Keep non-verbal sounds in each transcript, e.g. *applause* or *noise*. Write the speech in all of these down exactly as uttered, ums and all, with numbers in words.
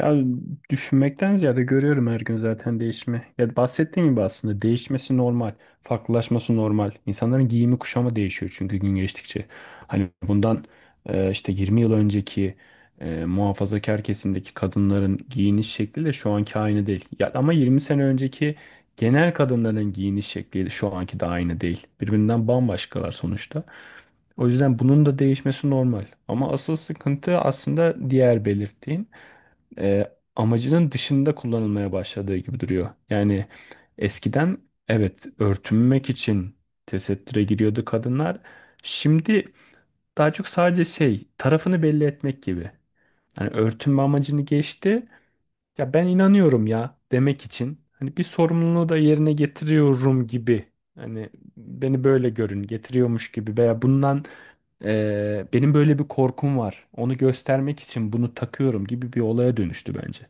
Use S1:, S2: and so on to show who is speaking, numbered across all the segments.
S1: Ya düşünmekten ziyade görüyorum her gün zaten değişimi. Ya bahsettiğim gibi aslında değişmesi normal, farklılaşması normal. İnsanların giyimi kuşamı değişiyor çünkü gün geçtikçe. Hani bundan e, işte yirmi yıl önceki e, muhafazakar kesimdeki kadınların giyiniş şekliyle şu anki aynı değil. Ya ama yirmi sene önceki genel kadınların giyiniş şekli şu anki de aynı değil. Birbirinden bambaşkalar sonuçta. O yüzden bunun da değişmesi normal. Ama asıl sıkıntı aslında diğer belirttiğin e, amacının dışında kullanılmaya başladığı gibi duruyor. Yani eskiden evet örtünmek için tesettüre giriyordu kadınlar. Şimdi daha çok sadece şey tarafını belli etmek gibi. Hani örtünme amacını geçti. Ya ben inanıyorum ya demek için. Hani bir sorumluluğu da yerine getiriyorum gibi. Hani beni böyle görün getiriyormuş gibi veya bundan e, benim böyle bir korkum var. Onu göstermek için bunu takıyorum gibi bir olaya dönüştü bence.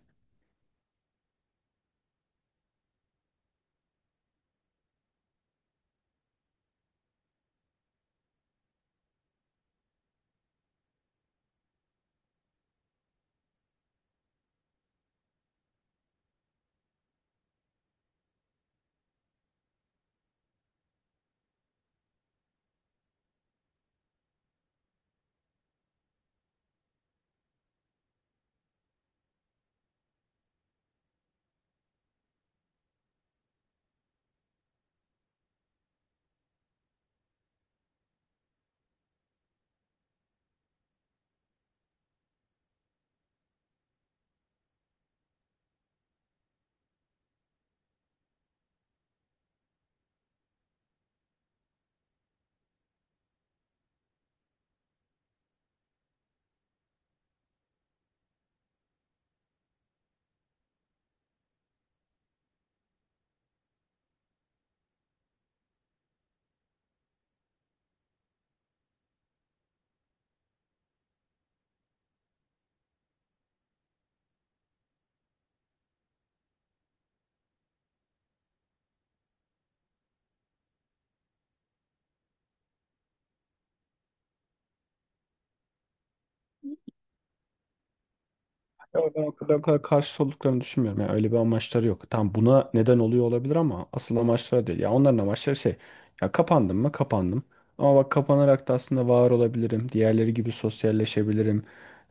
S1: Ya ben o kadar, o kadar karşı olduklarını düşünmüyorum. Yani öyle bir amaçları yok. Tam buna neden oluyor olabilir ama asıl amaçları değil. Ya onların amaçları şey. Ya kapandım mı? Kapandım. Ama bak kapanarak da aslında var olabilirim. Diğerleri gibi sosyalleşebilirim.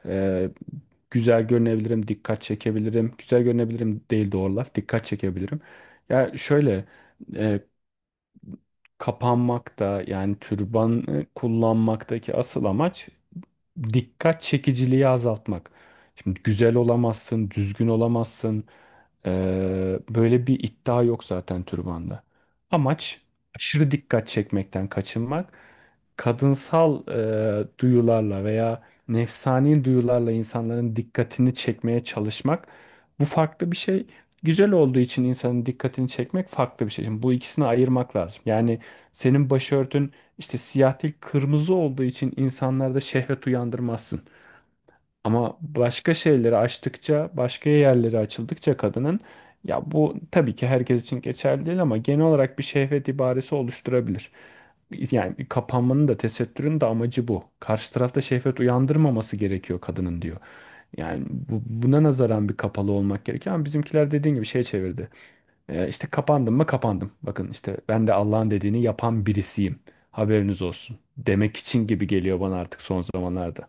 S1: Ee, güzel görünebilirim. Dikkat çekebilirim. Güzel görünebilirim değil doğru laf. Dikkat çekebilirim. Ya şöyle. e, Kapanmakta yani türban kullanmaktaki asıl amaç dikkat çekiciliği azaltmak. Şimdi güzel olamazsın, düzgün olamazsın. Ee, böyle bir iddia yok zaten türbanda. Amaç aşırı dikkat çekmekten kaçınmak. Kadınsal e, duyularla veya nefsani duyularla insanların dikkatini çekmeye çalışmak. Bu farklı bir şey, güzel olduğu için insanın dikkatini çekmek farklı bir şey. Şimdi bu ikisini ayırmak lazım. Yani senin başörtün işte siyah değil kırmızı olduğu için insanlarda şehvet uyandırmazsın. Ama başka şeyleri açtıkça, başka yerleri açıldıkça kadının, ya bu tabii ki herkes için geçerli değil ama genel olarak bir şehvet ibaresi oluşturabilir. Yani bir kapanmanın da tesettürün de amacı bu. Karşı tarafta şehvet uyandırmaması gerekiyor kadının diyor. Yani bu- buna nazaran bir kapalı olmak gerekiyor ama bizimkiler dediğin gibi şey çevirdi. Ee, işte kapandım mı kapandım. Bakın işte ben de Allah'ın dediğini yapan birisiyim. Haberiniz olsun. Demek için gibi geliyor bana artık son zamanlarda.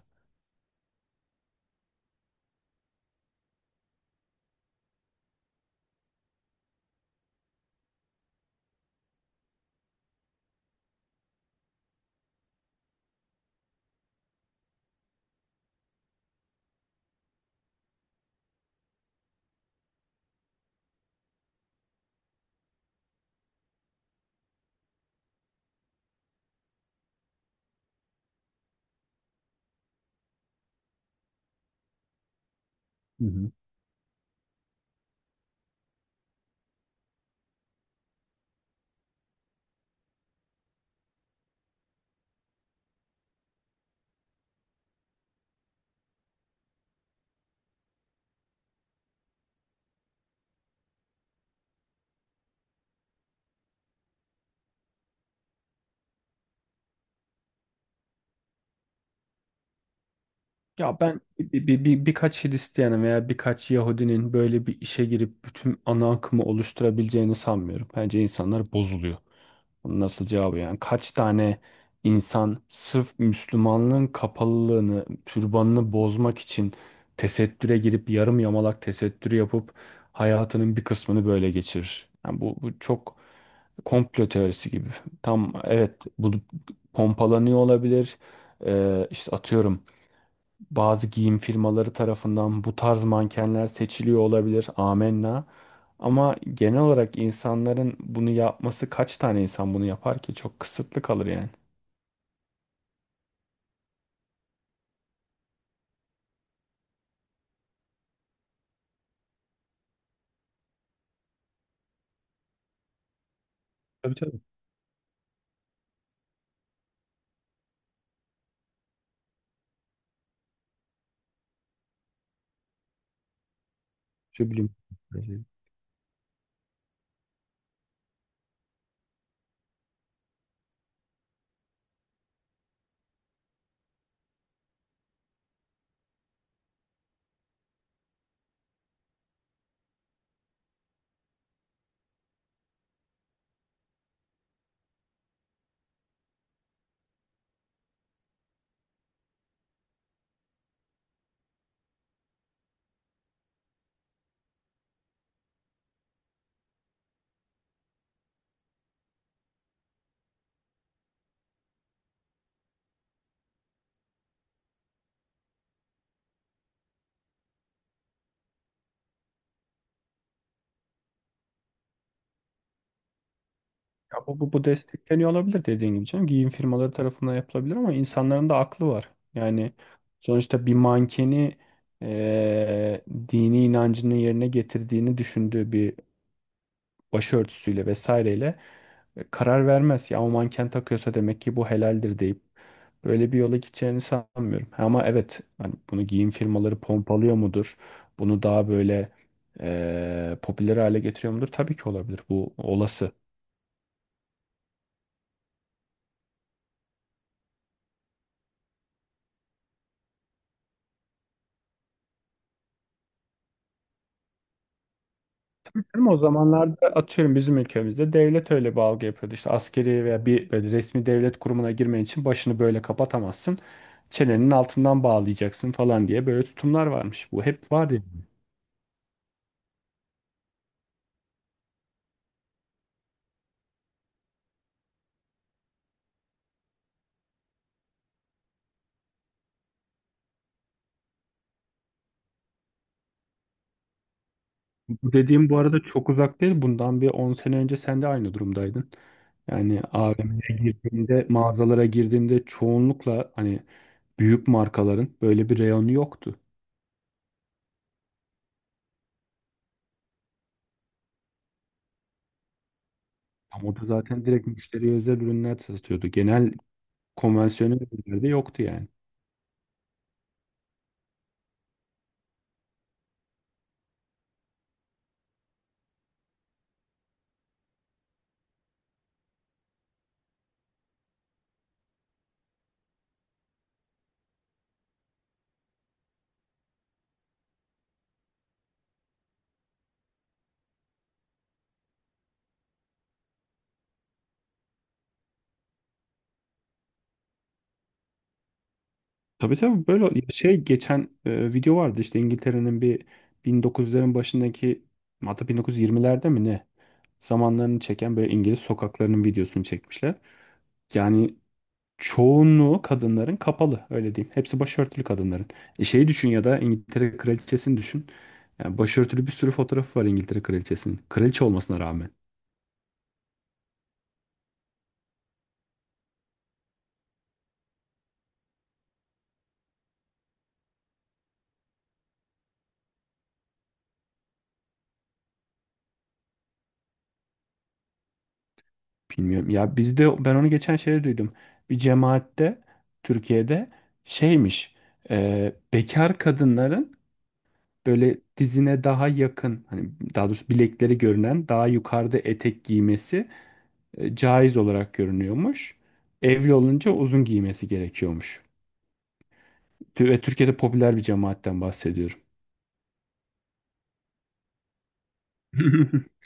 S1: Ya ben bir, bir, bir- birkaç Hristiyan'ın veya birkaç Yahudinin böyle bir işe girip bütün ana akımı oluşturabileceğini sanmıyorum. Bence insanlar bozuluyor. Bunun nasıl cevabı yani? Kaç tane insan sırf Müslümanlığın kapalılığını, türbanını bozmak için tesettüre girip yarım yamalak tesettürü yapıp hayatının bir kısmını böyle geçirir. Yani bu, bu çok komplo teorisi gibi. Tam evet bu pompalanıyor olabilir. Ee, işte atıyorum bazı giyim firmaları tarafından bu tarz mankenler seçiliyor olabilir. Amenna. Ama genel olarak insanların bunu yapması, kaç tane insan bunu yapar ki? Çok kısıtlı kalır yani. Tabii, tabii. Şu bilim. Ya bu, bu, bu destekleniyor olabilir dediğin gibi canım. Giyim firmaları tarafından yapılabilir ama insanların da aklı var. Yani sonuçta bir mankeni eee, dini inancının yerine getirdiğini düşündüğü bir başörtüsüyle vesaireyle e, karar vermez. Ya o manken takıyorsa demek ki bu helaldir deyip böyle bir yola gideceğini sanmıyorum. Ama evet hani bunu giyim firmaları pompalıyor mudur? Bunu daha böyle e, popüler hale getiriyor mudur? Tabii ki olabilir. Bu olası. Ama o zamanlarda atıyorum bizim ülkemizde devlet öyle bir algı yapıyordu. İşte askeri veya bir böyle resmi devlet kurumuna girmen için başını böyle kapatamazsın. Çenenin altından bağlayacaksın falan diye böyle tutumlar varmış. Bu hep var ya. Bu dediğim bu arada çok uzak değil. Bundan bir on sene önce sen de aynı durumdaydın. Yani A V M'ye girdiğinde, mağazalara girdiğinde çoğunlukla hani büyük markaların böyle bir reyonu yoktu. Ama o da zaten direkt müşteriye özel ürünler satıyordu. Genel konvansiyonel ürünlerde yoktu yani. Tabii, tabii, böyle şey geçen e, video vardı işte İngiltere'nin bir bin dokuz yüzlerin başındaki, hatta bin dokuz yüz yirmilerde mi ne, zamanlarını çeken böyle İngiliz sokaklarının videosunu çekmişler. Yani çoğunluğu kadınların kapalı öyle diyeyim. Hepsi başörtülü kadınların. E şeyi düşün ya da İngiltere kraliçesini düşün. Yani başörtülü bir sürü fotoğrafı var İngiltere kraliçesinin. Kraliçe olmasına rağmen. Bilmiyorum. Ya bizde ben onu geçen şeyde duydum. Bir cemaatte, Türkiye'de şeymiş. E, bekar kadınların böyle dizine daha yakın, hani daha doğrusu bilekleri görünen daha yukarıda etek giymesi e, caiz olarak görünüyormuş. Evli olunca uzun giymesi gerekiyormuş. Tü- Ve Türkiye'de popüler bir cemaatten bahsediyorum. *laughs*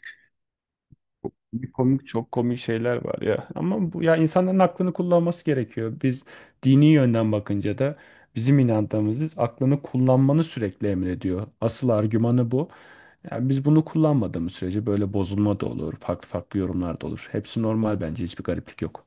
S1: Çok komik, çok komik şeyler var ya. Ama bu, ya insanların aklını kullanması gerekiyor. Biz dini yönden bakınca da bizim inancımız aklını kullanmanı sürekli emrediyor. Asıl argümanı bu. Yani biz bunu kullanmadığımız sürece böyle bozulma da olur, farklı farklı yorumlar da olur. Hepsi normal bence, hiçbir gariplik yok.